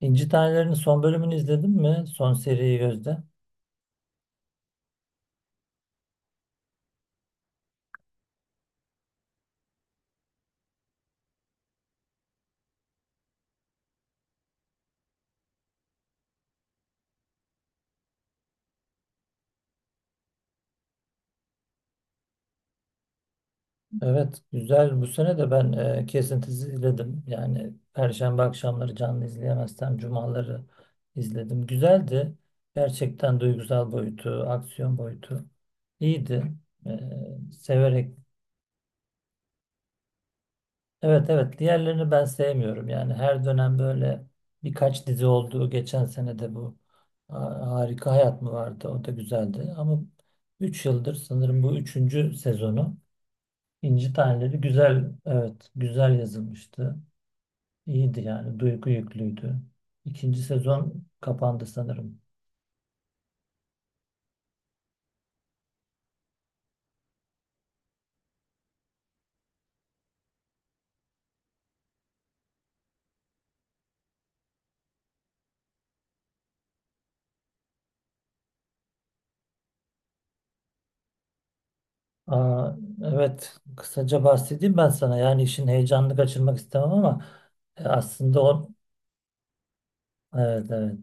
İnci Taneleri'nin son bölümünü izledin mi? Son seriyi, Gözde. Evet, güzel. Bu sene de ben kesintisiz izledim. Yani Perşembe akşamları canlı izleyemezsem cumaları izledim. Güzeldi. Gerçekten duygusal boyutu, aksiyon boyutu iyiydi. E, severek. Evet, evet, diğerlerini ben sevmiyorum. Yani her dönem böyle birkaç dizi oldu. Geçen sene de bu Harika Hayat mı vardı? O da güzeldi. Ama 3 yıldır sanırım bu üçüncü sezonu. İnci Taneleri güzel, evet güzel yazılmıştı. İyiydi yani, duygu yüklüydü. İkinci sezon kapandı sanırım. Aa, evet, kısaca bahsedeyim ben sana. Yani işin heyecanını kaçırmak istemem ama aslında o, evet evet.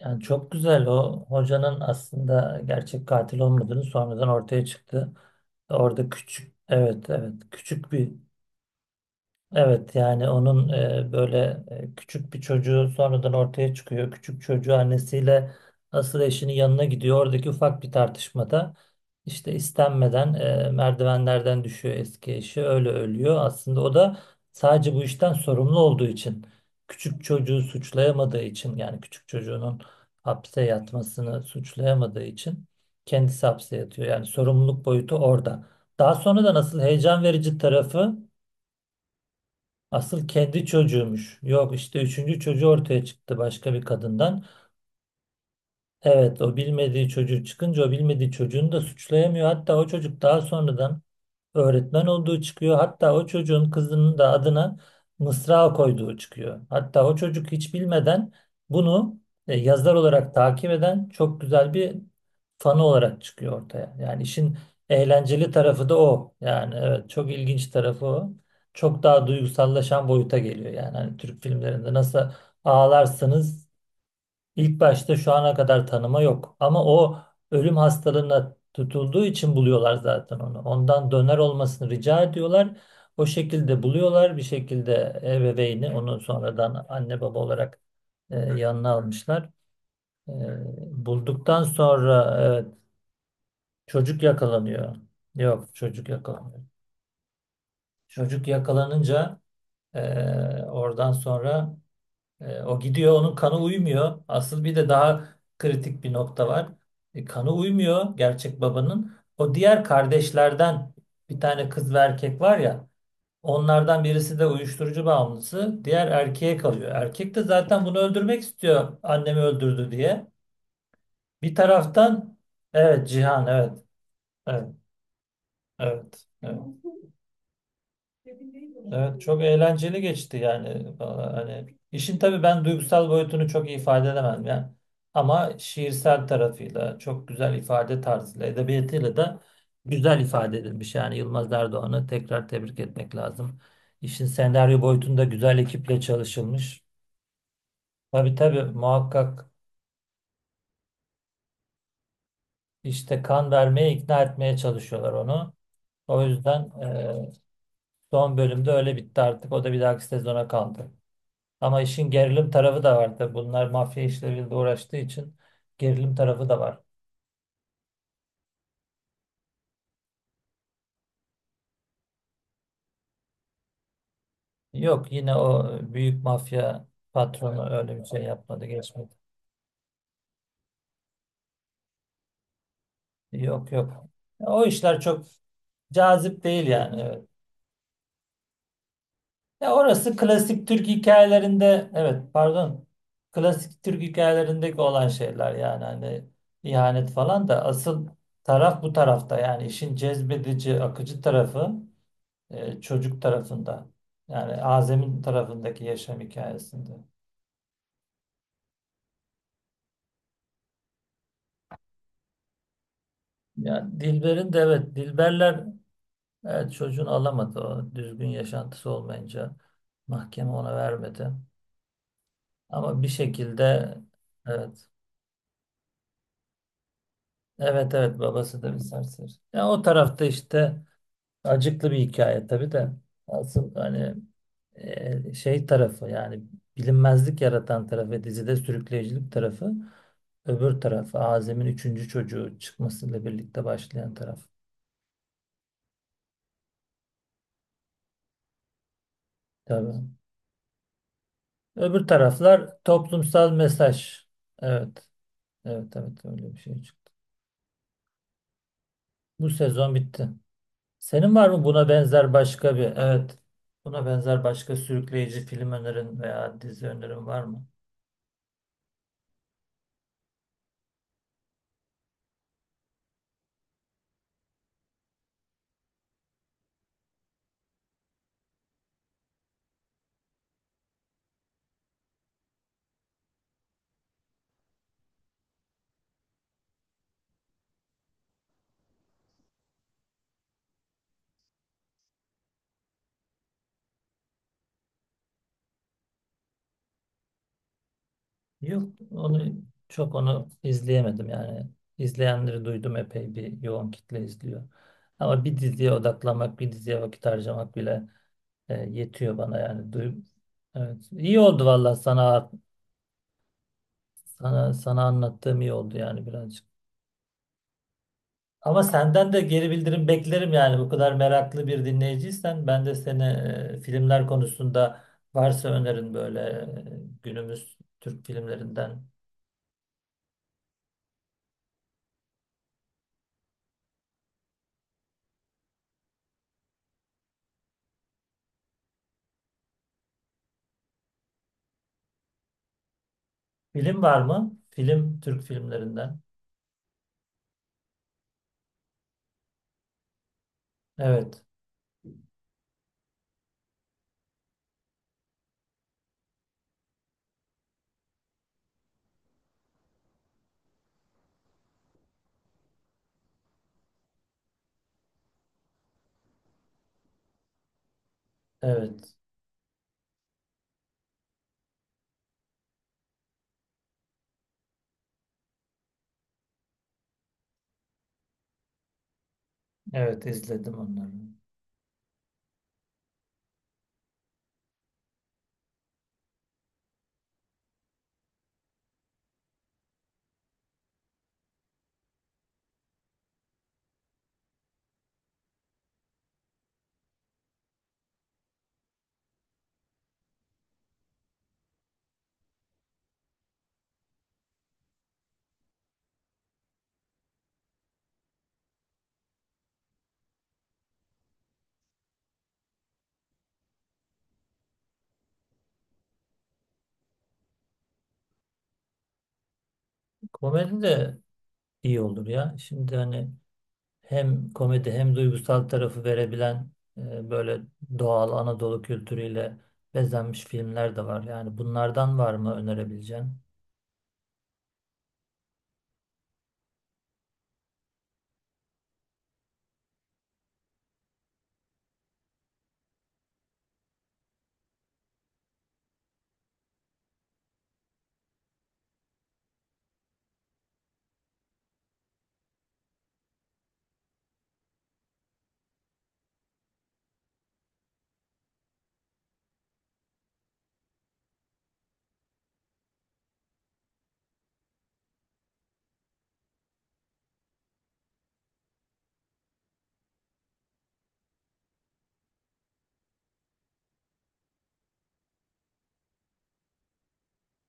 Yani çok güzel, o hocanın aslında gerçek katil olmadığını sonradan ortaya çıktı. Orada küçük, evet evet, küçük bir. Evet yani onun böyle küçük bir çocuğu sonradan ortaya çıkıyor. Küçük çocuğu annesiyle asıl eşinin yanına gidiyor. Oradaki ufak bir tartışmada işte istenmeden merdivenlerden düşüyor eski eşi. Öyle ölüyor. Aslında o da sadece bu işten sorumlu olduğu için, küçük çocuğu suçlayamadığı için, yani küçük çocuğunun hapse yatmasını suçlayamadığı için kendisi hapse yatıyor. Yani sorumluluk boyutu orada. Daha sonra da nasıl heyecan verici tarafı. Asıl kendi çocuğumuş. Yok işte üçüncü çocuğu ortaya çıktı başka bir kadından. Evet, o bilmediği çocuğu çıkınca o bilmediği çocuğunu da suçlayamıyor. Hatta o çocuk daha sonradan öğretmen olduğu çıkıyor. Hatta o çocuğun kızının da adına Mısra koyduğu çıkıyor. Hatta o çocuk hiç bilmeden bunu yazar olarak takip eden çok güzel bir fanı olarak çıkıyor ortaya. Yani işin eğlenceli tarafı da o. Yani evet, çok ilginç tarafı o. Çok daha duygusallaşan boyuta geliyor. Yani hani Türk filmlerinde nasıl ağlarsınız. İlk başta şu ana kadar tanıma yok. Ama o ölüm hastalığına tutulduğu için buluyorlar zaten onu. Ondan döner olmasını rica ediyorlar. O şekilde buluyorlar. Bir şekilde ebeveyni onu sonradan anne baba olarak yanına almışlar. E, bulduktan sonra evet, çocuk yakalanıyor. Yok, çocuk yakalanıyor. Çocuk yakalanınca oradan sonra o gidiyor, onun kanı uymuyor. Asıl bir de daha kritik bir nokta var. Kanı uymuyor gerçek babanın. O diğer kardeşlerden bir tane kız ve erkek var ya, onlardan birisi de uyuşturucu bağımlısı, diğer erkeğe kalıyor. Erkek de zaten bunu öldürmek istiyor, annemi öldürdü diye. Bir taraftan, evet Cihan, evet, evet, evet, evet. Evet, çok eğlenceli geçti yani. Valla hani işin, tabii ben duygusal boyutunu çok iyi ifade edemem yani, ama şiirsel tarafıyla, çok güzel ifade tarzıyla, edebiyatıyla da güzel ifade edilmiş yani. Yılmaz Erdoğan'ı tekrar tebrik etmek lazım. İşin senaryo boyutunda güzel ekiple çalışılmış. Tabii tabii, muhakkak işte kan vermeye, ikna etmeye çalışıyorlar onu. O yüzden son bölümde öyle bitti artık, o da bir dahaki sezona kaldı. Ama işin gerilim tarafı da var tabii. Bunlar mafya işleriyle uğraştığı için gerilim tarafı da var. Yok, yine o büyük mafya patronu öyle bir şey yapmadı, geçmedi. Yok yok. Ya o işler çok cazip değil yani. Evet. Ya orası klasik Türk hikayelerinde, evet pardon. Klasik Türk hikayelerindeki olan şeyler yani, hani ihanet falan da, asıl taraf bu tarafta yani, işin cezbedici akıcı tarafı çocuk tarafında. Yani Azem'in tarafındaki yaşam hikayesinde. Ya Dilber'in de, evet Dilberler, evet çocuğunu alamadı, o düzgün yaşantısı olmayınca mahkeme ona vermedi. Ama bir şekilde evet, evet, babası da bir serseri. Ya o tarafta işte acıklı bir hikaye tabii de, asıl hani şey tarafı yani, bilinmezlik yaratan tarafı, dizide sürükleyicilik tarafı. Öbür taraf Azem'in üçüncü çocuğu çıkmasıyla birlikte başlayan taraf. Tabii. Öbür taraflar toplumsal mesaj. Evet. Evet evet, öyle bir şey çıktı. Bu sezon bitti. Senin var mı buna benzer başka bir, evet, buna benzer başka sürükleyici film önerin veya dizi önerin var mı? Yok onu, çok onu izleyemedim yani. İzleyenleri duydum, epey bir yoğun kitle izliyor. Ama bir diziye odaklanmak, bir diziye vakit harcamak bile, yetiyor bana yani. Duy, evet. İyi oldu vallahi, sana sana anlattığım iyi oldu yani, birazcık. Ama senden de geri bildirim beklerim yani, bu kadar meraklı bir dinleyiciysen ben de seni filmler konusunda, varsa önerin, böyle günümüz Türk filmlerinden. Film var mı? Film, Türk filmlerinden. Evet. Evet. Evet izledim onları. Komedi de iyi olur ya. Şimdi hani hem komedi hem duygusal tarafı verebilen, böyle doğal Anadolu kültürüyle bezenmiş filmler de var. Yani bunlardan var mı önerebileceğin?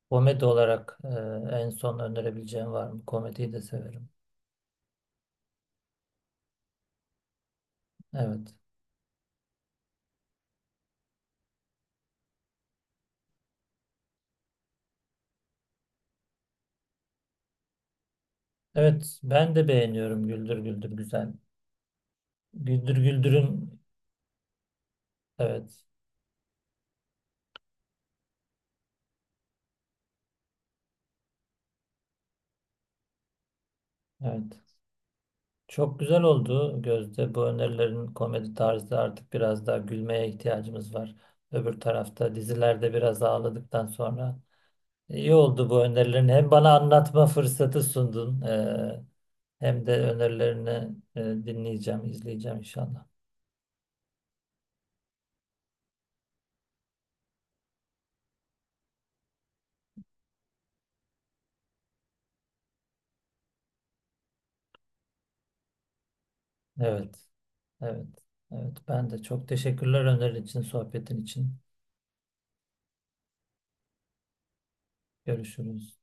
Komedi olarak en son önerebileceğin var mı? Komediyi de severim. Evet. Evet, ben de beğeniyorum, Güldür Güldür güzel. Güldür Güldür'ün, evet. Evet. Çok güzel oldu Gözde. Bu önerilerin komedi tarzı, artık biraz daha gülmeye ihtiyacımız var. Öbür tarafta dizilerde biraz ağladıktan sonra. İyi oldu bu önerilerini. Hem bana anlatma fırsatı sundun, hem de önerilerini dinleyeceğim, izleyeceğim inşallah. Evet, evet, evet. Ben de çok teşekkürler, önerin için, sohbetin için. Görüşürüz.